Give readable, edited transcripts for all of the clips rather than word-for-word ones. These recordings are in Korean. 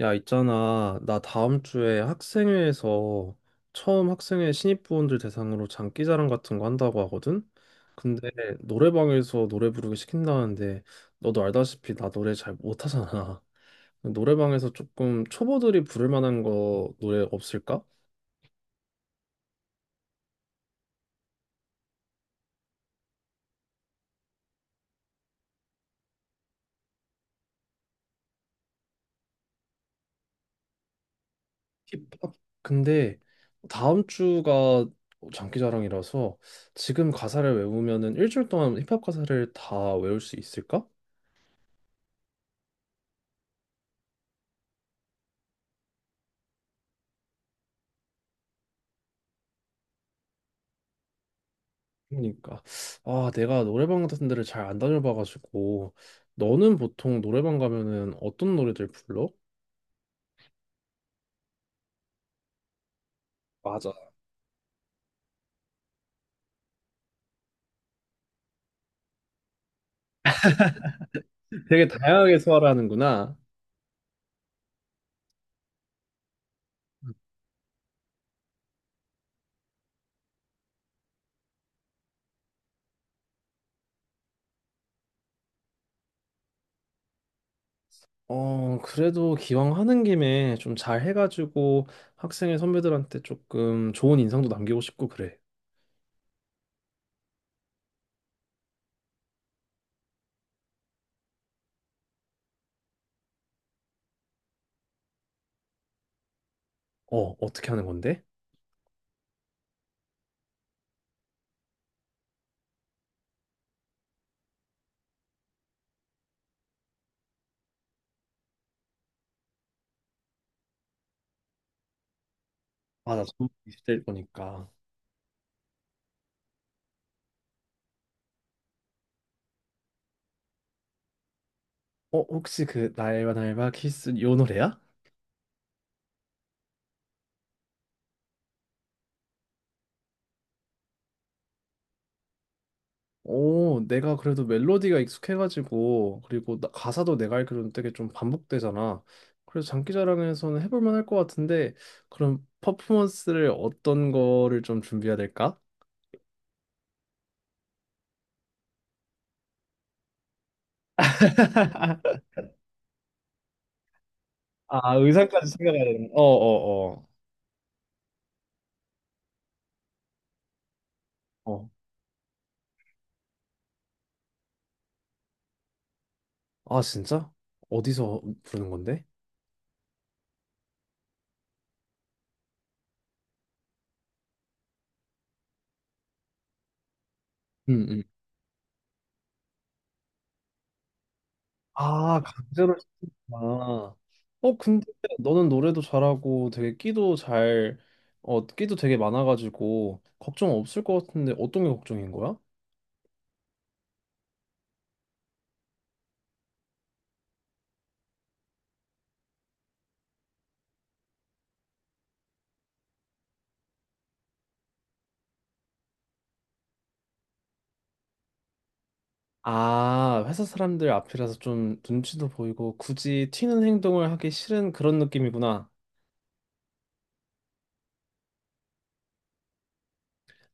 야, 있잖아. 나 다음 주에 학생회에서 처음 학생회 신입부원들 대상으로 장기자랑 같은 거 한다고 하거든? 근데 노래방에서 노래 부르기 시킨다는데 너도 알다시피 나 노래 잘 못하잖아. 노래방에서 조금 초보들이 부를 만한 거 노래 없을까? 힙합? 근데 다음 주가 장기자랑이라서 지금 가사를 외우면은 일주일 동안 힙합 가사를 다 외울 수 있을까? 그러니까 아, 내가 노래방 같은 데를 잘 안 다녀봐가지고 너는 보통 노래방 가면은 어떤 노래들 불러? 맞아. 되게 다양하게 소화하는구나. 어, 그래도 기왕 하는 김에 좀 잘 해가지고 학생회 선배들한테 조금 좋은 인상도 남기고 싶고 그래. 어, 어떻게 하는 건데? 맞아. 20대일 거니까. 어, 혹시 그 날바 날바 키스 요 노래야? 오, 내가 그래도 멜로디가 익숙해가지고, 그리고 가사도 내가 알기로는 되게 좀 반복되잖아. 그래서 장기자랑에서는 해볼만 할 것 같은데, 그럼 퍼포먼스를 어떤 거를 좀 준비해야 될까? 아, 의상까지 생각해야 되는 거. 어, 어, 어. 어. 아, 진짜? 어디서 부르는 건데? 응, 응. 아, 강제로 시켰구나. 어, 근데 너는 노래도 잘하고 되게 끼도 잘, 끼도 되게 많아가지고, 걱정 없을 것 같은데 어떤 게 걱정인 거야? 아, 회사 사람들 앞이라서 좀 눈치도 보이고 굳이 튀는 행동을 하기 싫은 그런 느낌이구나.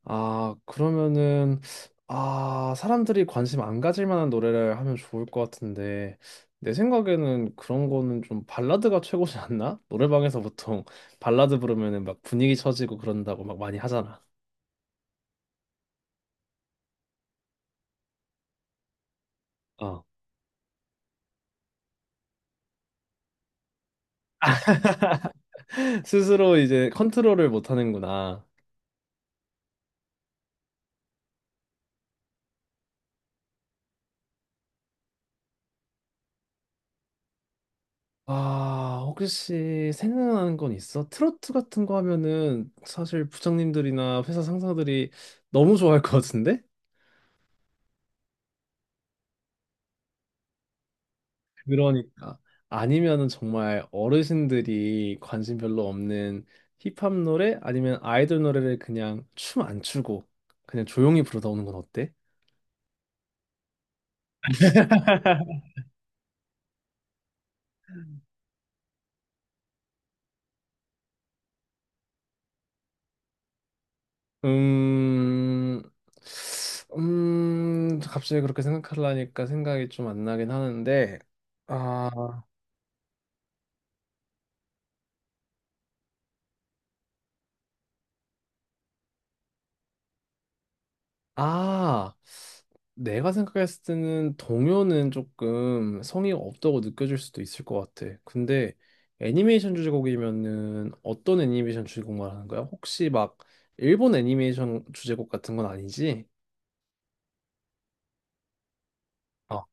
아, 그러면은 아, 사람들이 관심 안 가질 만한 노래를 하면 좋을 것 같은데 내 생각에는 그런 거는 좀 발라드가 최고지 않나? 노래방에서 보통 발라드 부르면은 막 분위기 처지고 그런다고 막 많이 하잖아. 어. 스스로 이제 컨트롤을 못 하는구나. 아, 혹시 생각나는 건 있어? 트로트 같은 거 하면은 사실 부장님들이나 회사 상사들이 너무 좋아할 것 같은데? 그러니까. 아니면은 정말 어르신들이 관심 별로 없는 힙합 노래 아니면 아이돌 노래를 그냥 춤 안 추고 그냥 조용히 부르다 오는 건 어때? 음, 갑자기 그렇게 생각하려니까 생각이 좀 안 나긴 하는데, 아, 아, 내가 생각했을 때는 동요는 조금 성의가 없다고 느껴질 수도 있을 것 같아. 근데 애니메이션 주제곡이면은 어떤 애니메이션 주제곡 말하는 거야? 혹시 막 일본 애니메이션 주제곡 같은 건 아니지? 어,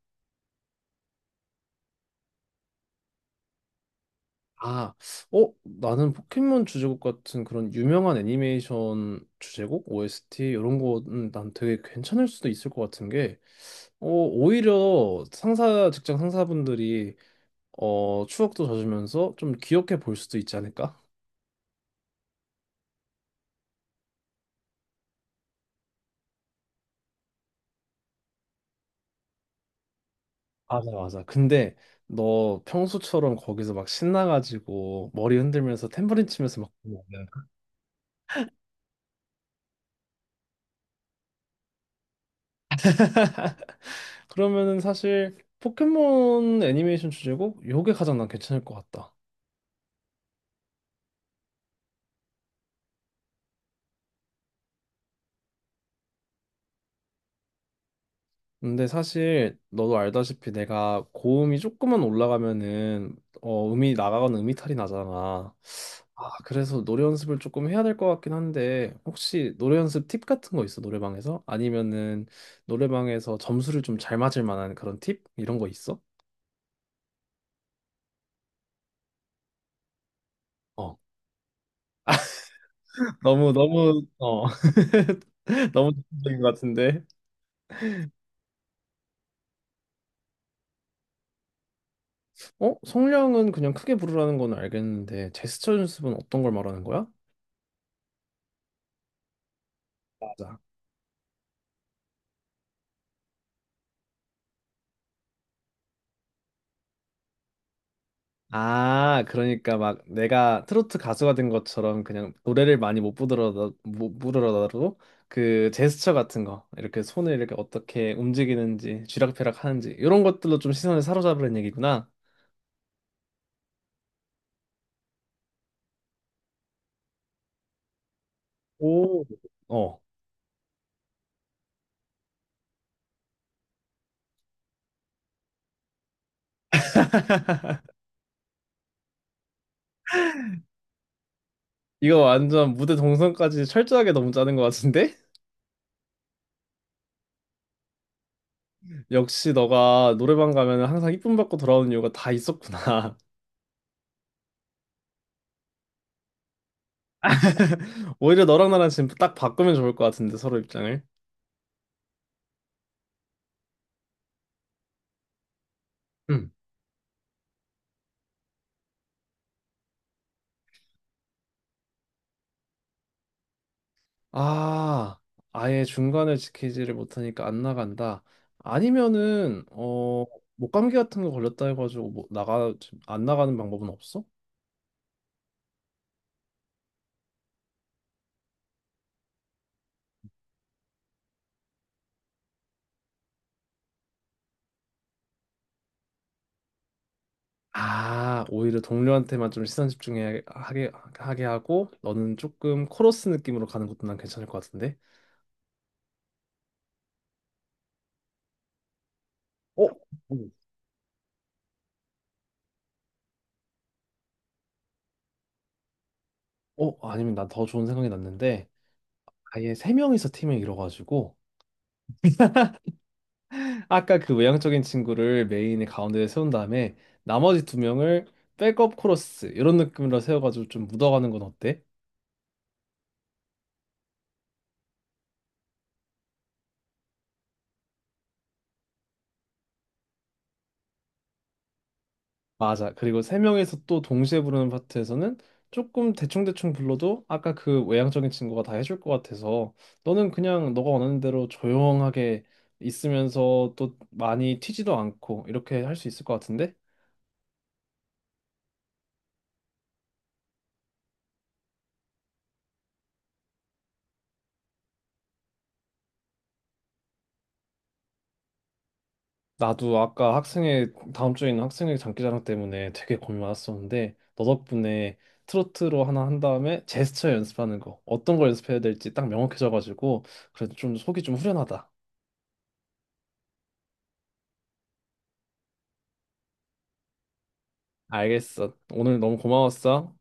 아, 어, 나는 포켓몬 주제곡 같은 그런 유명한 애니메이션 주제곡, OST 이런 거는 난 되게 괜찮을 수도 있을 것 같은 게, 오히려 상사 직장 상사분들이 추억도 젖으면서 좀 귀엽게 볼 수도 있지 않을까? 맞아, 맞아. 근데 너 평소처럼 거기서 막 신나가지고 머리 흔들면서 탬버린 치면서 막 그러면 안 돼. 그러면은 사실 포켓몬 애니메이션 주제곡 요게 가장 난 괜찮을 것 같다. 근데 사실 너도 알다시피 내가 고음이 조금만 올라가면은 음이 나가거나 음이탈이 나잖아. 아, 그래서 노래 연습을 조금 해야 될 것 같긴 한데 혹시 노래 연습 팁 같은 거 있어 노래방에서? 아니면은 노래방에서 점수를 좀 잘 맞을 만한 그런 팁 이런 거 있어? 어 너무 너무 너무 적인 것 같은데. 어, 성량은 그냥 크게 부르라는 건 알겠는데 제스처 연습은 어떤 걸 말하는 거야? 맞아. 아, 그러니까 막 내가 트로트 가수가 된 것처럼 그냥 노래를 많이 못 부르더라도, 못 부르더라도 그 제스처 같은 거, 이렇게 손을 이렇게 어떻게 움직이는지, 쥐락펴락 하는지, 이런 것들로 좀 시선을 사로잡으려는 얘기구나. 오. 어. 이거 완전 무대 동선까지 철저하게 너무 짜는 것 같은데? 역시 너가 노래방 가면 항상 이쁨 받고 돌아오는 이유가 다 있었구나. 오히려 너랑 나랑 지금 딱 바꾸면 좋을 것 같은데, 서로 입장을. 아, 아예 중간을 지키지를 못하니까 안 나간다. 아니면은 목감기 같은 거 걸렸다 해가지고 뭐 나가 안 나가는 방법은 없어? 아, 오히려 동료한테만 좀 시선 집중하게 하게 하고 너는 조금 코러스 느낌으로 가는 것도 난 괜찮을 것 같은데. 어? 어, 아니면 난 더 좋은 생각이 났는데 아예 세 명이서 팀을 이뤄가지고 아까 그 외향적인 친구를 메인의 가운데에 세운 다음에 나머지 두 명을 백업 코러스 이런 느낌으로 세워가지고 좀 묻어가는 건 어때? 맞아. 그리고 세 명에서 또 동시에 부르는 파트에서는 조금 대충대충 불러도 아까 그 외향적인 친구가 다 해줄 것 같아서 너는 그냥 너가 원하는 대로 조용하게 있으면서 또 많이 튀지도 않고 이렇게 할 수 있을 것 같은데? 나도 아까 학생회 다음 주에 있는 학생회 장기자랑 때문에 되게 고민 많았었는데 너 덕분에 트로트로 하나 한 다음에 제스처 연습하는 거 어떤 걸 연습해야 될지 딱 명확해져가지고 그래도 좀 속이 좀 후련하다. 알겠어. 오늘 너무 고마웠어.